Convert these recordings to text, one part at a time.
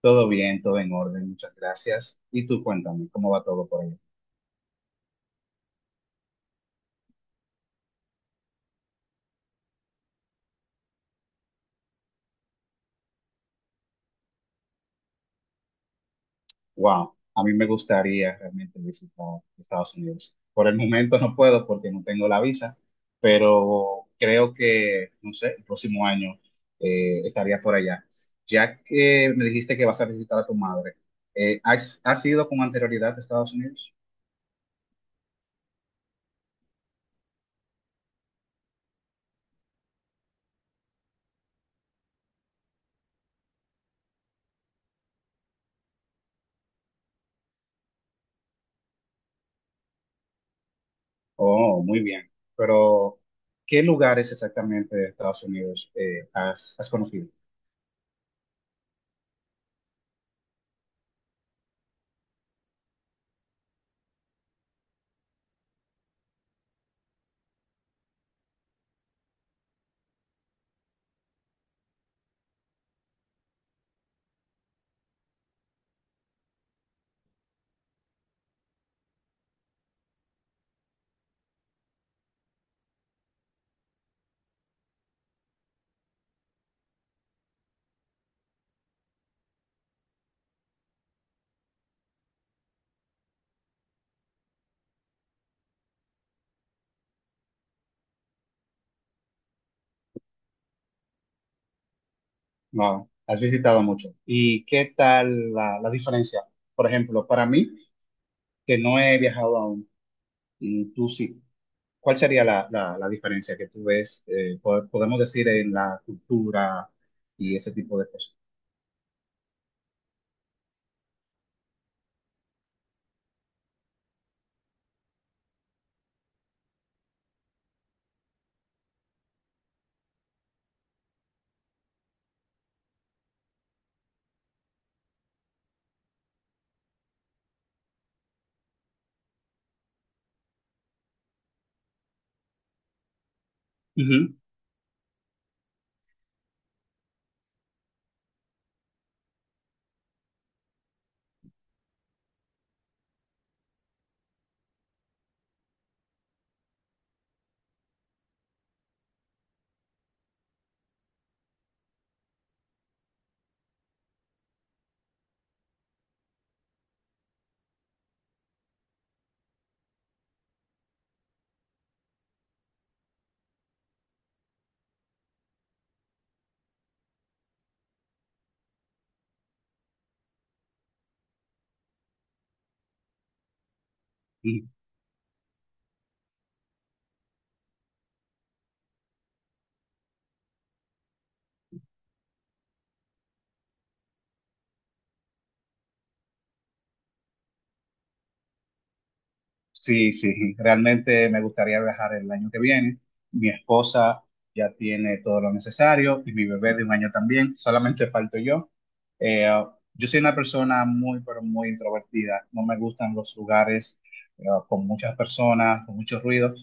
Todo bien, todo en orden, muchas gracias. Y tú cuéntame, ¿cómo va todo por ahí? Wow, a mí me gustaría realmente visitar Estados Unidos. Por el momento no puedo porque no tengo la visa, pero creo que, no sé, el próximo año estaría por allá. Ya que me dijiste que vas a visitar a tu madre, ¿has ido con anterioridad a Estados Unidos? Oh, muy bien. Pero, ¿qué lugares exactamente de Estados Unidos has conocido? No, has visitado mucho. ¿Y qué tal la diferencia? Por ejemplo, para mí, que no he viajado aún, y tú sí, ¿cuál sería la diferencia que tú ves, podemos decir, en la cultura y ese tipo de cosas? Ujú. Sí, sí, realmente me gustaría viajar el año que viene. Mi esposa ya tiene todo lo necesario y mi bebé de un año también, solamente falto yo. Eh, yo soy una persona muy, pero muy introvertida. No me gustan los lugares con muchas personas, con mucho ruido.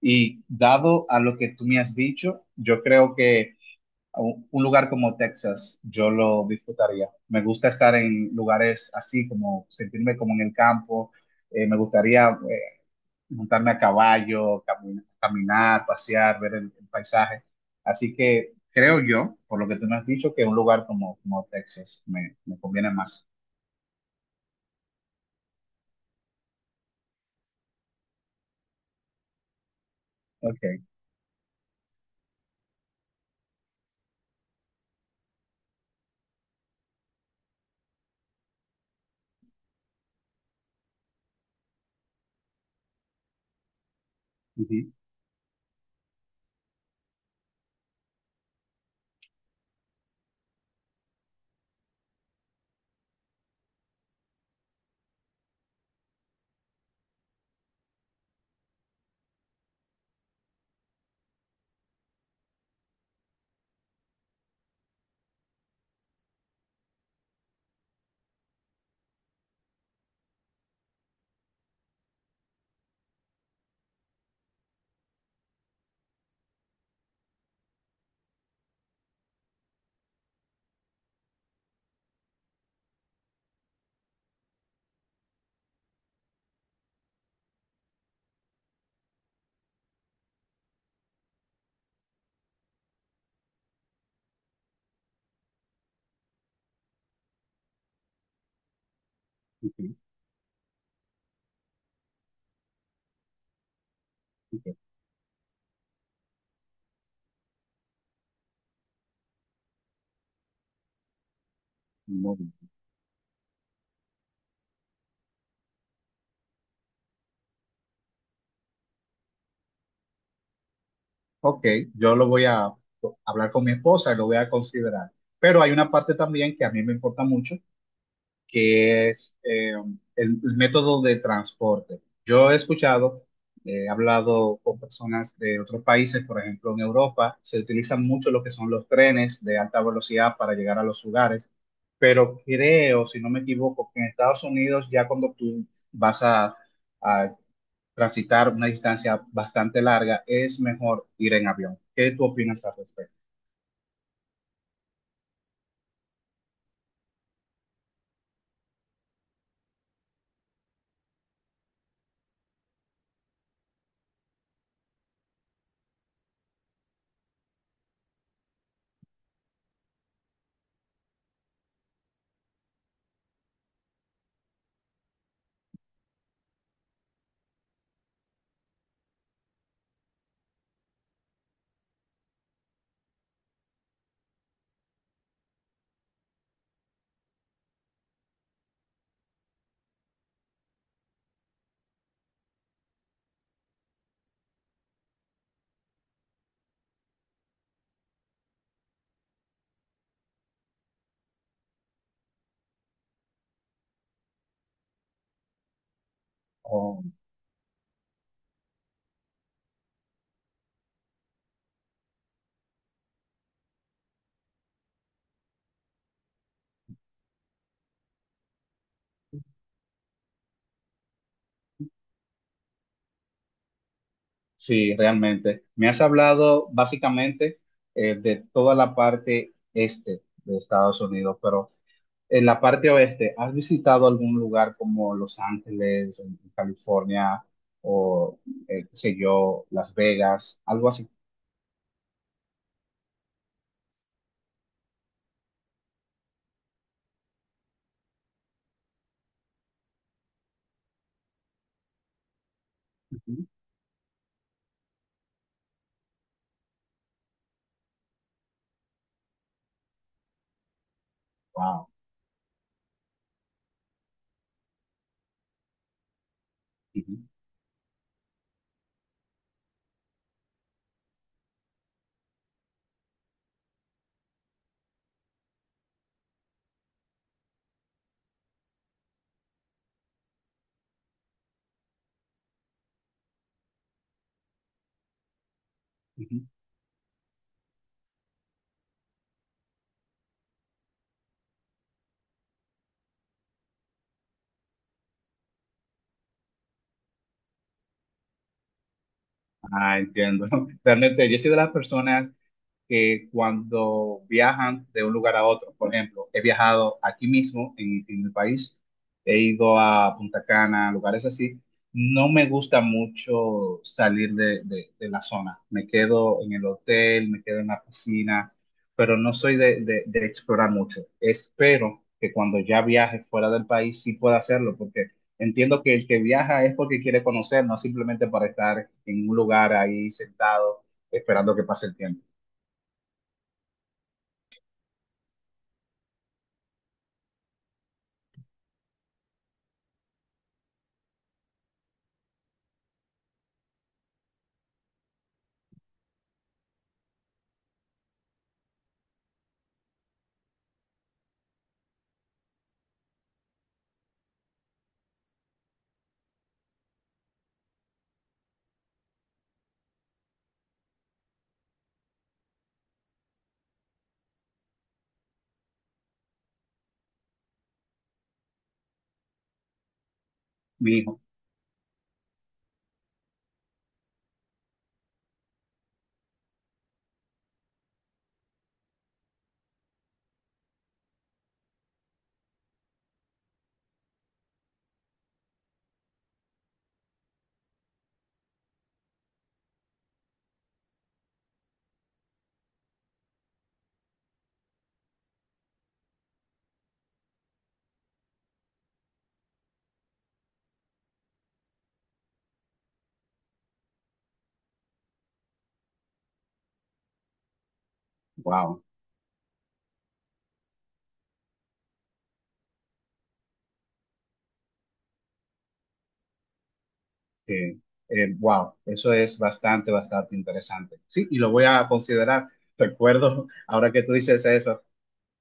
Y dado a lo que tú me has dicho, yo creo que un lugar como Texas, yo lo disfrutaría. Me gusta estar en lugares así, como sentirme como en el campo. Me gustaría montarme a caballo, caminar, pasear, ver el paisaje. Así que creo yo, por lo que tú me has dicho, que un lugar como, como Texas me, me conviene más. Ok, ujú, ujú, ujú, muy bien. Ok, yo lo voy a hablar con mi esposa y lo voy a considerar. Pero hay una parte también que a mí me importa mucho, que es el método de transporte. Yo he escuchado, he hablado con personas de otros países, por ejemplo, en Europa se utilizan mucho lo que son los trenes de alta velocidad para llegar a los lugares, pero creo, si no me equivoco, que en Estados Unidos ya cuando tú vas a transitar una distancia bastante larga, es mejor ir en avión. ¿Qué tú opinas al respecto? O sí, realmente. Me has hablado básicamente de toda la parte este de Estados Unidos, pero en la parte oeste, ¿has visitado algún lugar como Los Ángeles, en California, o qué sé yo, Las Vegas, algo así? Wow. Ah, entiendo. Realmente, yo soy de las personas que cuando viajan de un lugar a otro. Por ejemplo, he viajado aquí mismo en el país, he ido a Punta Cana, lugares así. No me gusta mucho salir de, de la zona. Me quedo en el hotel, me quedo en la piscina, pero no soy de, de explorar mucho. Espero que cuando ya viaje fuera del país sí pueda hacerlo, porque entiendo que el que viaja es porque quiere conocer, no simplemente para estar en un lugar ahí sentado esperando que pase el tiempo. Mi wow, eh, wow, eso es bastante, bastante interesante. Sí, y lo voy a considerar. Recuerdo, ahora que tú dices eso,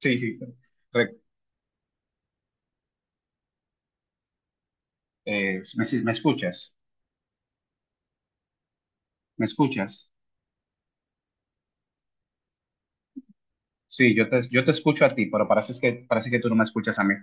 sí, re- me, me escuchas. Sí, yo te escucho a ti, pero parece que tú no me escuchas a mí.